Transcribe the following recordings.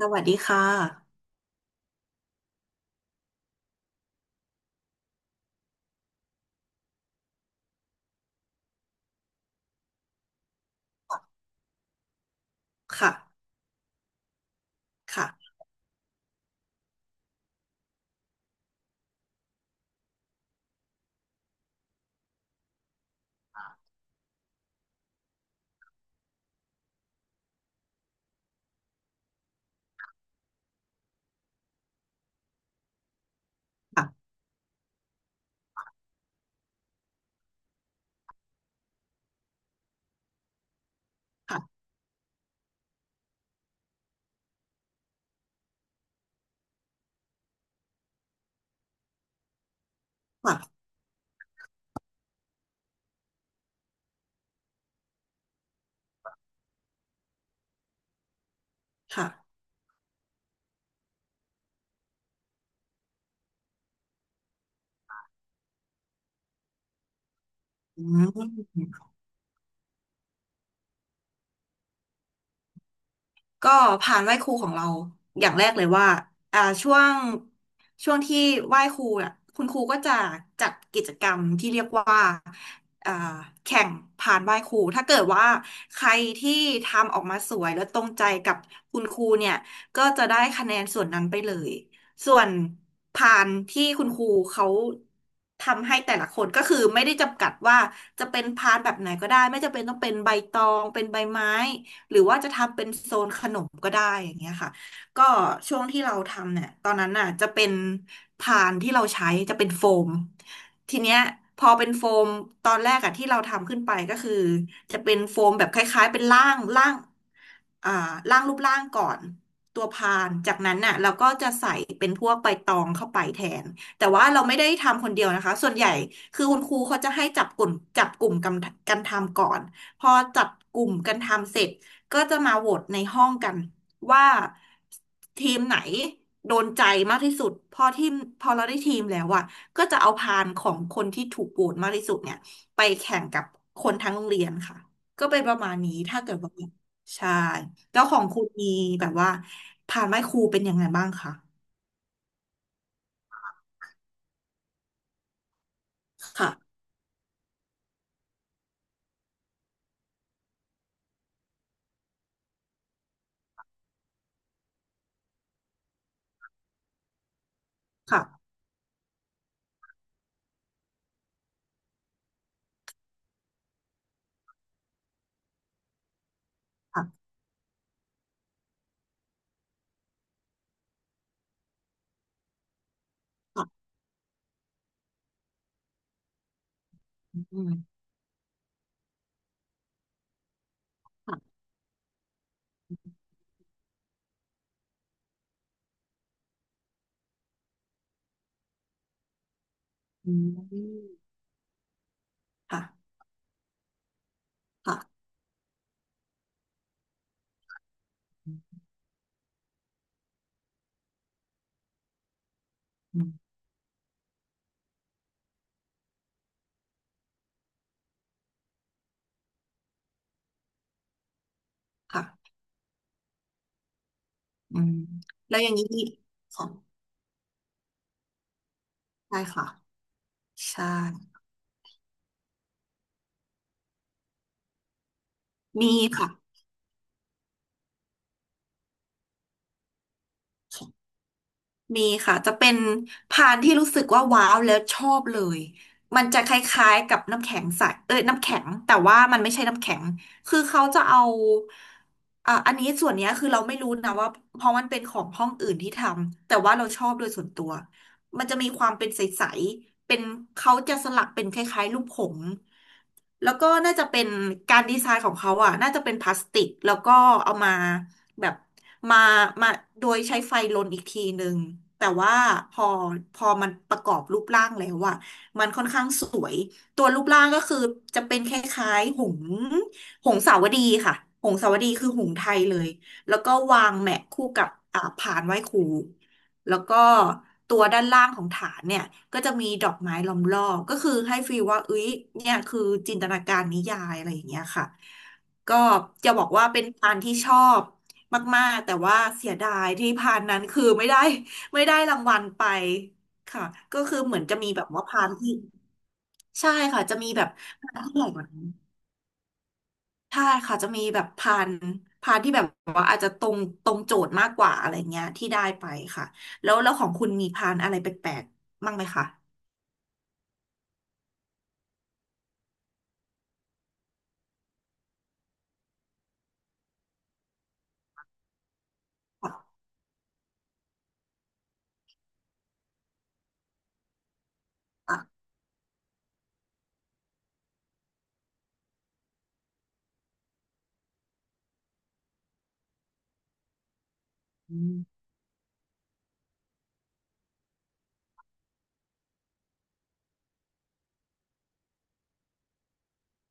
สวัสดีค่ะค่ะค่ะค่ะค่ะค่ะค่ะอืม ก็ผ่านไหว้ครูของเราอย่างแรกเลยว่าช่วงที่ไหว้ครูอ่ะคุณครูก็จะจัดกิจกรรมที่เรียกว่าอ่าแข่งผ่านไหว้ครูถ้าเกิดว่าใครที่ทำออกมาสวยและตรงใจกับคุณครูเนี่ยก็จะได้คะแนนส่วนนั้นไปเลยส่วนผานที่คุณครูเขาทำให้แต่ละคนก็คือไม่ได้จำกัดว่าจะเป็นพานแบบไหนก็ได้ไม่จำเป็นต้องเป็นใบตองเป็นใบไม้ หรือว่าจะทำเป็นโซนขนมก็ได้อย่างเงี้ยค่ะก็ช่วงที่เราทำเนี่ยตอนนั้นน่ะจะเป็นพานที่เราใช้จะเป็นโฟมทีเนี้ยพอเป็นโฟมตอนแรกอะที่เราทำขึ้นไปก็คือจะเป็นโฟมแบบคล้ายๆเป็นล่าง อ่าร่างรูปร่างก่อนตัวพานจากนั้นน่ะเราก็จะใส่เป็นพวกใบตองเข้าไปแทนแต่ว่าเราไม่ได้ทำคนเดียวนะคะส่วนใหญ่คือคุณครูเขาจะให้จับกลุ่มกันทำก่อนพอจับกลุ่มกันทำเสร็จก็จะมาโหวตในห้องกันว่าทีมไหนโดนใจมากที่สุดพอเราได้ทีมแล้วอะก็จะเอาพานของคนที่ถูกโหวตมากที่สุดเนี่ยไปแข่งกับคนทั้งโรงเรียนค่ะก็เป็นประมาณนี้ถ้าเกิดว่า ใช่แล้วของคุณมีแบบว่าพานไหว้ครูเป็นยังไงบ้างคะค่ะค่ะค่ะค่ะอืมค่ะอืมค่ะค่ะอืมค่ะอืมแล้วอย่างนี้มีค่ะใช่ค่ะใช่มีค่ะ มีค่ะจะเป็นพานที่รู้สึกว่าว้าวแล้วชอบเลย มันจะคล้ายๆกับน้ำแข็งใสเอ้ยน้ำแข็งแต่ว่ามันไม่ใช่น้ำแข็งคือเขาจะเอาอ่ะอันนี้ส่วนเนี้ยคือเราไม่รู้นะว่าเพราะมันเป็นของห้องอื่นที่ทำแต่ว่าเราชอบโดยส่วนตัวมันจะมีความเป็นใสๆเป็นเขาจะสลักเป็นคล้ายๆรูปผงส์แล้วก็น่าจะเป็นการดีไซน์ของเขาอ่ะน่าจะเป็นพลาสติกแล้วก็เอามา แบบมามาโดยใช้ไฟลนอีกทีหนึ่งแต่ว่าพอพอมันประกอบรูปร่างแล้วอะมันค่อนข้างสวยตัวรูปร่างก็คือจะเป็นคล้ายๆหงส์หงสาวดีค่ะหงสาวดีคือหงส์ไทยเลยแล้วก็วางแหมะคู่กับผานไหว้ครูแล้วก็ตัวด้านล่างของฐานเนี่ยก็จะมีดอกไม้ล้อมรอบก็คือให้ฟีลว่าเอ้ยเนี่ยคือจินตนาการนิยายอะไรอย่างเงี้ยค่ะ ก็จะบอกว่าเป็นพานที่ชอบมากๆแต่ว่าเสียดายที่พานนั้นคือไม่ได้ ไม่ได้รางวัลไปค่ะก็คือเหมือนจะมีแบบว่าพานที่ใช่ค่ะจะมีแบบพานที่ใหญ่กว่านั้นใช่ค่ะจะมีแบบพานที่แบบว่าอาจจะตรงโจทย์มากกว่าอะไรเงี้ยที่ได้ไปค่ะแล้วของคุณมีพานอะไรแปลกๆบ้างไหมคะค่ะค่ะอืม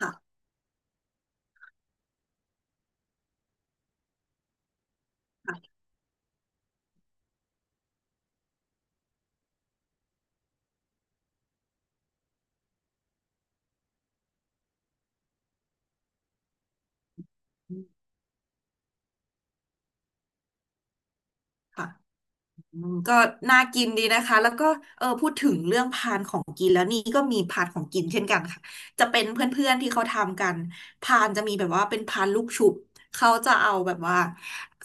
ค่ะค่ะอืมค่ะ อืมก็น่ากินดีนะคะแล้วก็เออพูดถึงเรื่องพานของกินแล้วนี่ก็มีพานของกินเช่นกันค่ะจะเป็นเพื่อนๆที่เขาทำกันพานจะมีแบบว่าเป็นพานลูกชุบเขาจะเอาแบบว่า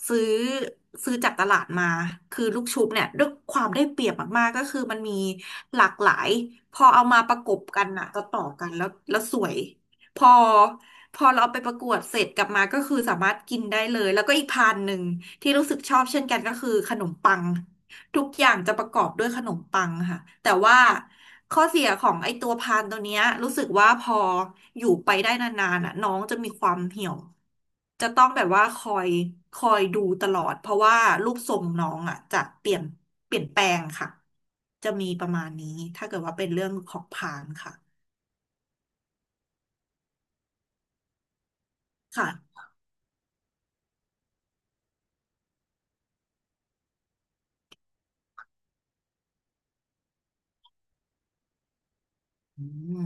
ซื้อจากตลาดมาคือลูกชุบเนี่ยด้วยความได้เปรียบมากๆก็คือมันมีหลากหลายพอเอามาประกบกันอ่ะจะต่อๆกันแล้วสวยพอพอเราเอาไปประกวดเสร็จกลับมาก็คือสามารถกินได้เลยแล้วก็อีกพานหนึ่งที่รู้สึกชอบเช่นกันก็คือขนมปัง ทุกอย่างจะประกอบด้วยขนมปังค่ะแต่ว่าข้อเสียของไอตัวพานตัวเนี้ยรู้สึกว่าพออยู่ไปได้นานๆอ่ะน้องจะมีความเหี่ยวจะต้องแบบว่าคอยดูตลอดเพราะว่ารูปทรงน้องอ่ะจะเปลี่ยนแปลงค่ะจะมีประมาณนี้ถ้าเกิดว่าเป็นเรื่องของพานค่ะค่ะอืม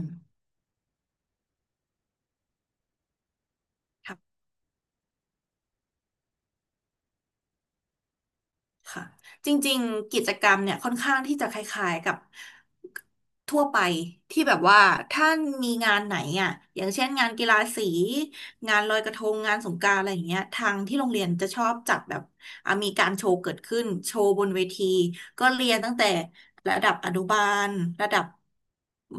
ค่ะจริงๆกิจกรรมเนี่ยค่อนข้างที่จะคล้ายๆกับทั่วไปที่แบบว่าถ้ามีงานไหนอ่ะอย่างเช่นงานกีฬาสีงานลอยกระทงงานสงกรานต์อะไรอย่างเงี้ยทางที่โรงเรียนจะชอบจัดแบบอ่ะมีการโชว์เกิดขึ้นโชว์บนเวทีก็เรียนตั้งแต่ระดับอนุบาลระดับ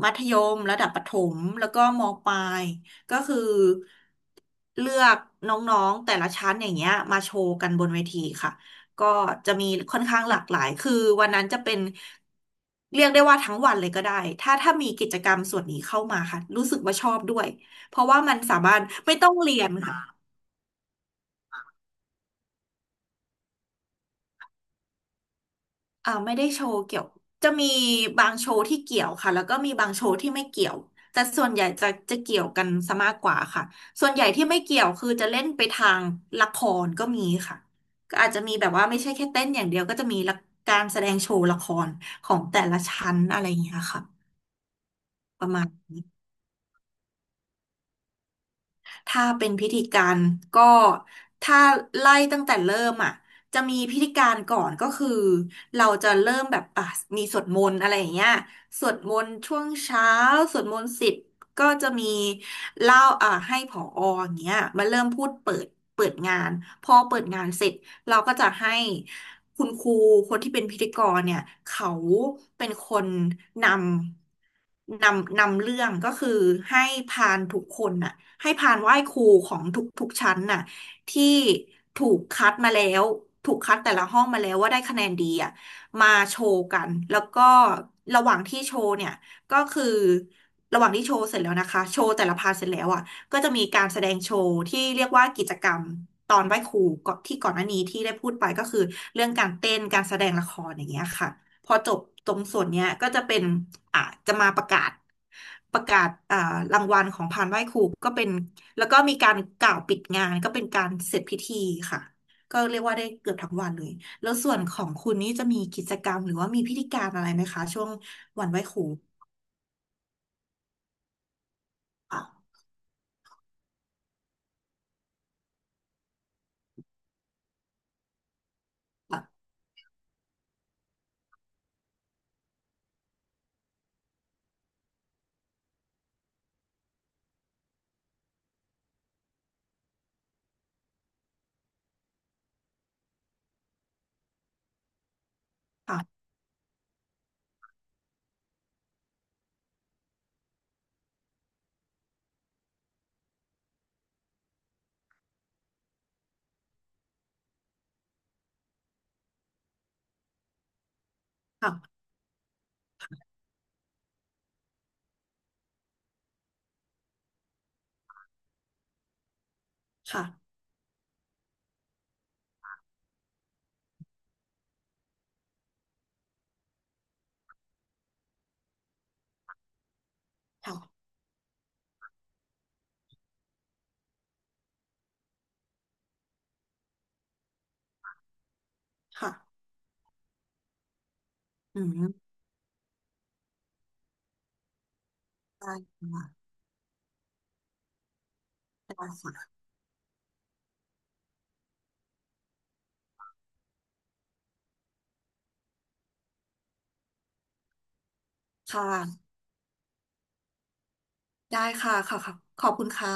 มัธยมระดับประถมแล้วก็มปลายก็คือเลือกน้องๆแต่ละชั้นอย่างเงี้ยมาโชว์กันบนเวทีค่ะ ก็จะมีค่อนข้างหลากหลาย คือวันนั้นจะเป็นเรียกได้ว่าทั้งวันเลยก็ได้ถ้ามีกิจกรรมส่วนนี้เข้ามาค่ะรู้สึกว่าชอบด้วย เพราะว่ามันสามารถไม่ต้องเรียนค่ะไม่ได้โชว์เกี่ยวจะมีบางโชว์ที่เกี่ยวค่ะแล้วก็มีบางโชว์ที่ไม่เกี่ยวแต่ส่วนใหญ่จะเกี่ยวกันซะมากกว่าค่ะส่วนใหญ่ที่ไม่เกี่ยวคือจะเล่นไปทางละครก็มีค่ะก็อาจจะมีแบบว่าไม่ใช่แค่เต้นอย่างเดียวก็จะมีละการแสดงโชว์ละครของแต่ละชั้นอะไรอย่างเงี้ยค่ะ ประมาณถ้าเป็นพิธีการก็ถ้าไล่ตั้งแต่เริ่มอ่ะจะมีพิธีการก่อนก็คือเราจะเริ่มแบบอ่ะมีสวดมนต์อะไรอย่างเงี้ยสวดมนต์ช่วงเช้าสวดมนต์สิบก็จะมีเล่าอ่ะให้ผออย่างเงี้ยมาเริ่มพูดเปิดเปิดงานพอเปิดงานเสร็จ เราก็จะให้คุณครูคนที่เป็นพิธีกรเนี่ยเขาเป็นคนนนำเรื่องก็คือให้พานทุกคนน่ะให้พานไหว้ครูของทุกชั้นน่ะที่ถูกคัดมาแล้วถูกคัดแต่ละห้องมาแล้วว่าได้คะแนนดีอ่ะมาโชว์กันแล้วก็ระหว่างที่โชว์เนี่ยก็คือระหว่างที่โชว์เสร็จแล้วนะคะโชว์แต่ละพาร์ทเสร็จแล้วอ่ะ ก็จะมีการแสดงโชว์ที่เรียกว่ากิจกรรมตอนไหว้ครูก็ที่ก่อนหน้านี้ที่ได้พูดไปก็คือเรื่องการเต้นการแสดงละครอย่างเงี้ยค่ะพอจบตรงส่วนเนี้ยก็จะเป็นอ่าจะมาประกาศประกาศรางวัลของพานไหว้ครูก็เป็นแล้วก็มีการกล่าวปิดงานก็เป็นการเสร็จพิธีค่ะก็เรียกว่าได้เกือบทั้งวันเลยแล้วส่วนของคุณนี่จะมีกิจกรรมหรือว่ามีพิธีการอะไรไหมคะช่วงวันไหว้ครูค่ะค่ะค่ะค่ะค่ะค่ะอืม ได้ค่ะได้ค่ะค่ะได้ค่ะค่ะค่ะ ขอบคุณค่ะ